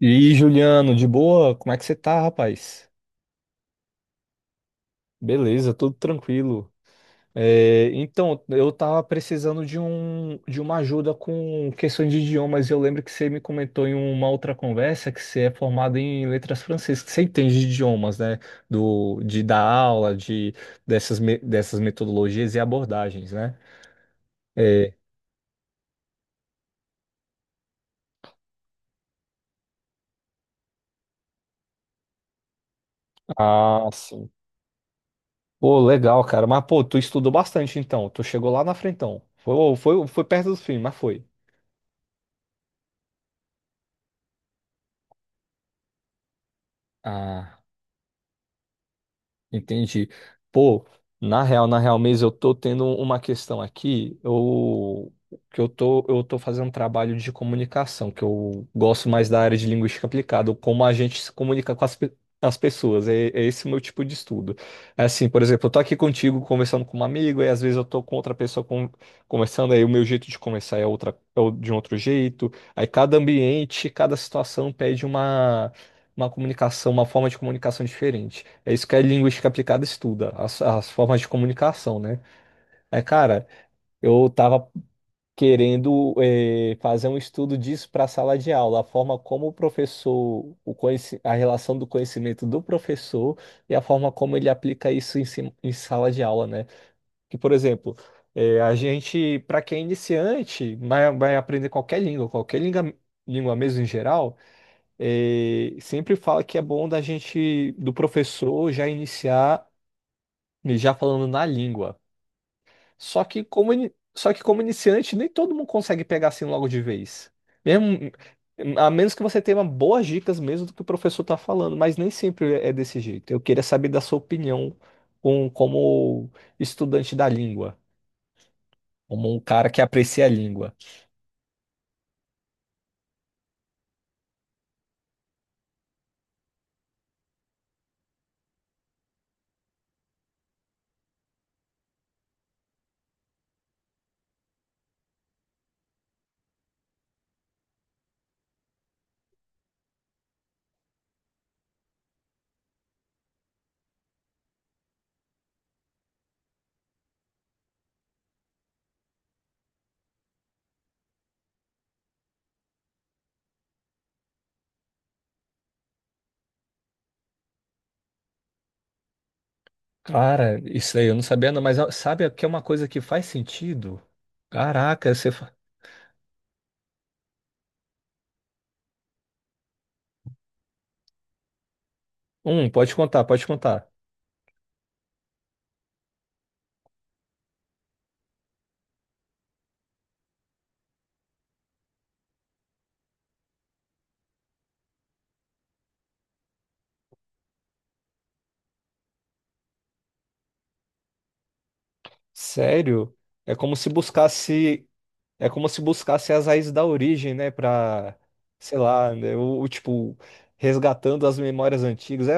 E aí, Juliano, de boa? Como é que você tá, rapaz? Beleza, tudo tranquilo. É, então, eu tava precisando de uma ajuda com questões de idiomas. Eu lembro que você me comentou em uma outra conversa que você é formado em letras francesas, que você entende de idiomas, né? De dar aula, de, dessas metodologias e abordagens, né? É, ah, sim. Pô, legal, cara. Mas, pô, tu estudou bastante, então. Tu chegou lá na frentão. Foi, foi perto do fim, mas foi. Ah. Entendi. Pô, na real mesmo, eu tô tendo uma questão aqui, que eu tô fazendo um trabalho de comunicação, que eu gosto mais da área de linguística aplicada, como a gente se comunica com as pessoas, é, é esse o meu tipo de estudo. É assim, por exemplo, eu tô aqui contigo conversando com um amigo, e às vezes eu tô com outra pessoa conversando, aí o meu jeito de conversar é outra, de um outro jeito, aí cada ambiente, cada situação pede uma comunicação, uma forma de comunicação diferente. É isso que a linguística aplicada estuda, as formas de comunicação, né? É, cara, eu tava querendo fazer um estudo disso para a sala de aula, a forma como o professor, a relação do conhecimento do professor e a forma como ele aplica isso em, em sala de aula, né? Que, por exemplo, a gente, para quem é iniciante, vai aprender qualquer língua, língua mesmo em geral, sempre fala que é bom da gente, do professor, já iniciar, né, já falando na língua. Só que só que como iniciante, nem todo mundo consegue pegar assim logo de vez. Mesmo, a menos que você tenha boas dicas mesmo do que o professor está falando, mas nem sempre é desse jeito. Eu queria saber da sua opinião com, como estudante da língua. Como um cara que aprecia a língua. Cara, isso aí eu não sabia, não, mas sabe que é uma coisa que faz sentido? Caraca, você. Pode contar, pode contar. Sério? É como se buscasse, é como se buscasse as raízes da origem, né? Pra, sei lá, né, o tipo, resgatando as memórias antigas. É,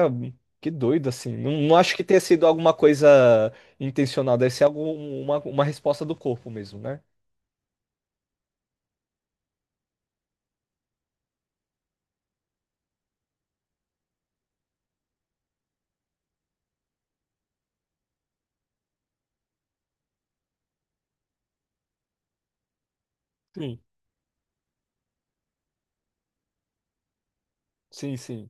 que doido assim. Não, não acho que tenha sido alguma coisa intencional, deve ser alguma uma resposta do corpo mesmo, né? Sim, sim, sim.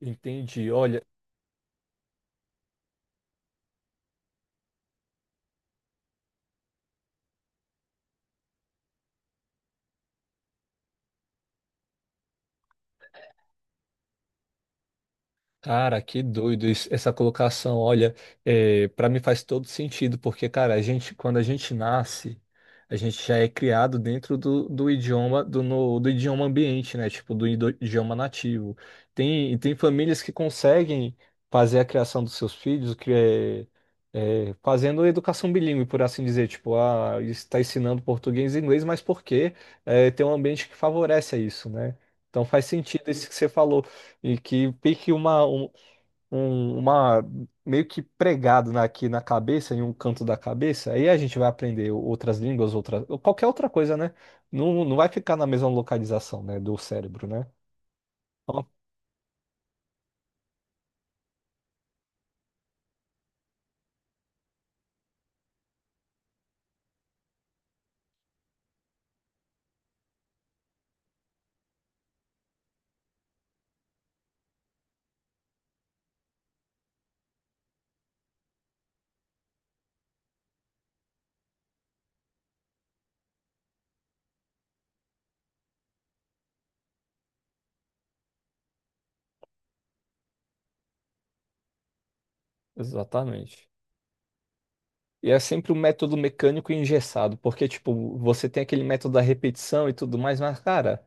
Entendi. Olha. Cara, que doido isso, essa colocação. Olha, é, para mim faz todo sentido, porque, cara, a gente, quando a gente nasce, a gente já é criado dentro do idioma do, no- do idioma ambiente, né? Tipo, idioma nativo. Tem, tem famílias que conseguem fazer a criação dos seus filhos, que é, é, fazendo educação bilíngue, por assim dizer. Tipo, ah, está ensinando português e inglês, mas porque é, tem um ambiente que favorece a isso, né? Então faz sentido isso que você falou. E que fique uma meio que pregado aqui na cabeça, em um canto da cabeça, aí a gente vai aprender outras línguas, outra, qualquer outra coisa, né? Não, não vai ficar na mesma localização, né, do cérebro, né? Ó, exatamente. E é sempre um método mecânico e engessado, porque, tipo, você tem aquele método da repetição e tudo mais, mas, cara.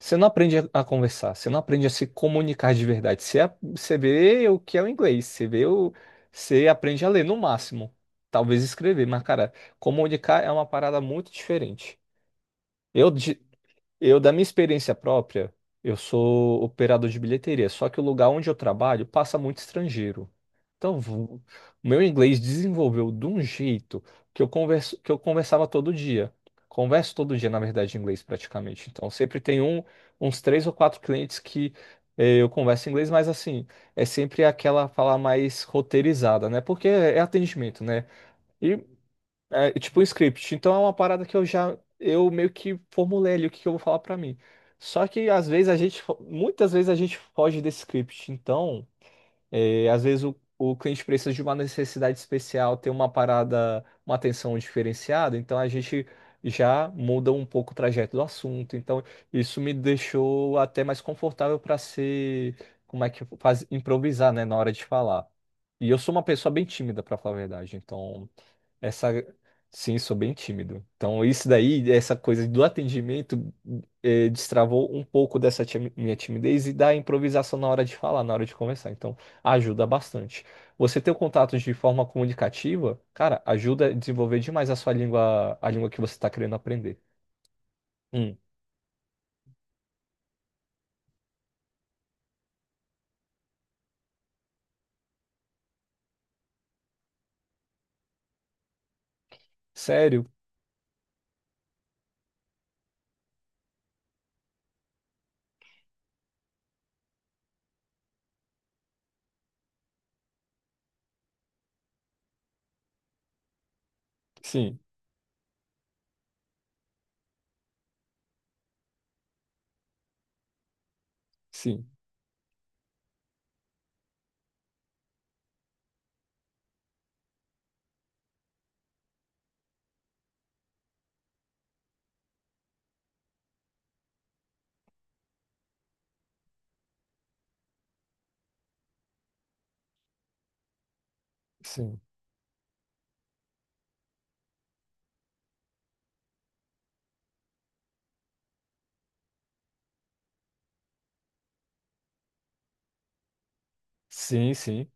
Você não aprende a conversar, você não aprende a se comunicar de verdade. Você, você vê o que é o inglês, você vê o, você aprende a ler no máximo, talvez escrever, mas cara, comunicar é uma parada muito diferente. Eu, eu, da minha experiência própria, eu sou operador de bilheteria, só que o lugar onde eu trabalho passa muito estrangeiro. Então, o meu inglês desenvolveu de um jeito que eu converso, que eu conversava todo dia. Converso todo dia, na verdade, em inglês praticamente. Então, sempre tem uns três ou quatro clientes que eu converso em inglês, mas assim, é sempre aquela fala mais roteirizada, né? Porque é atendimento, né? E é, tipo um script. Então é uma parada que eu já. Eu meio que formulei ali o que que eu vou falar pra mim. Só que às vezes a gente, muitas vezes a gente foge desse script. Então, é, às vezes o cliente precisa de uma necessidade especial, ter uma parada, uma atenção diferenciada. Então a gente já muda um pouco o trajeto do assunto. Então isso me deixou até mais confortável para ser. Como é que faz? Improvisar, né? Na hora de falar. E eu sou uma pessoa bem tímida, pra falar a verdade. Então. Essa, sim, sou bem tímido. Então, isso daí, essa coisa do atendimento, destravou um pouco dessa minha timidez e da improvisação na hora de falar, na hora de conversar. Então, ajuda bastante. Você ter o contato de forma comunicativa, cara, ajuda a desenvolver demais a sua língua, a língua que você está querendo aprender. Hum, sério? Sim, sim, sim. Sim, sim.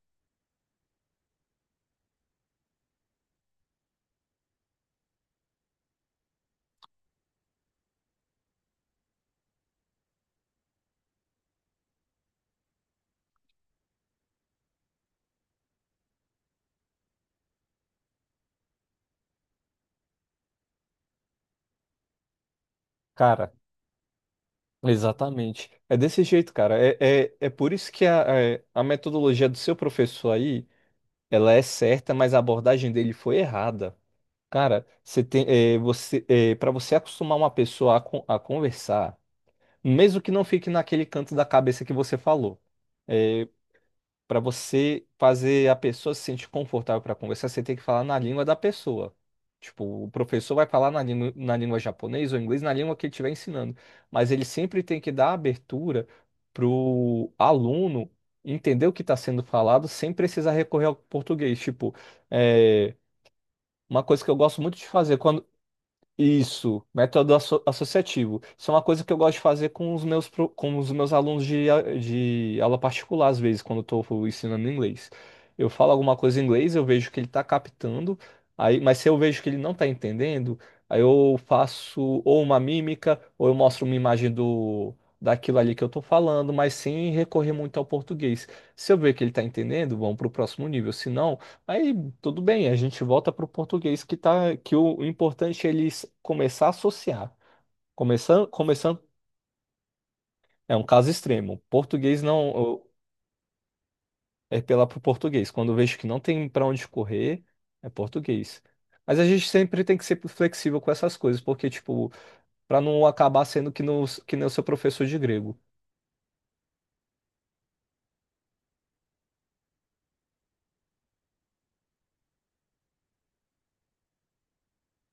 Cara, exatamente. É desse jeito, cara. É, é por isso que é, a metodologia do seu professor aí, ela é certa, mas a abordagem dele foi errada. Cara, você tem, eh, você, para você acostumar uma pessoa a, a conversar, mesmo que não fique naquele canto da cabeça que você falou, eh, para você fazer a pessoa se sentir confortável para conversar, você tem que falar na língua da pessoa. Tipo, o professor vai falar na língua japonês ou inglês, na língua que ele estiver ensinando. Mas ele sempre tem que dar abertura para o aluno entender o que está sendo falado sem precisar recorrer ao português. Tipo, é, uma coisa que eu gosto muito de fazer, quando isso, método associativo. Isso é uma coisa que eu gosto de fazer com os meus, com os meus alunos de, de aula particular, às vezes, quando eu estou ensinando inglês. Eu falo alguma coisa em inglês, eu vejo que ele está captando, aí, mas se eu vejo que ele não está entendendo, aí eu faço ou uma mímica, ou eu mostro uma imagem do, daquilo ali que eu estou falando, mas sem recorrer muito ao português. Se eu ver que ele está entendendo, vamos para o próximo nível. Se não, aí, tudo bem, a gente volta para o português que tá, que o importante é eles começar a associar. Começando, começando, é um caso extremo. Português não, é pela pro português. Quando eu vejo que não tem para onde correr, é português. Mas a gente sempre tem que ser flexível com essas coisas, porque, tipo, para não acabar sendo que, no, que nem o seu professor de grego.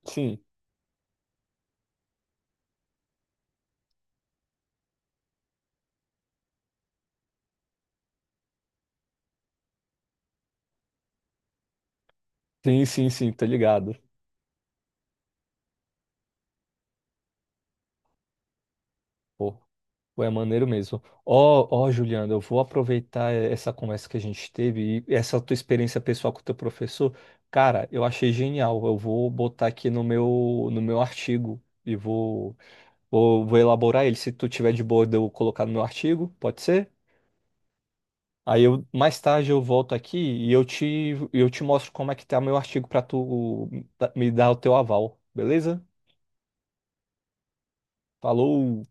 Sim, sim, sim, sim, tá ligado. Pô. Pô, é maneiro mesmo. Ó, ó, Juliana, eu vou aproveitar essa conversa que a gente teve e essa tua experiência pessoal com o teu professor. Cara, eu achei genial. Eu vou botar aqui no meu, no meu artigo e vou, vou elaborar ele. Se tu tiver de boa, de eu colocar no meu artigo, pode ser? Aí eu, mais tarde eu volto aqui e eu te mostro como é que tá meu artigo para tu me dar o teu aval, beleza? Falou!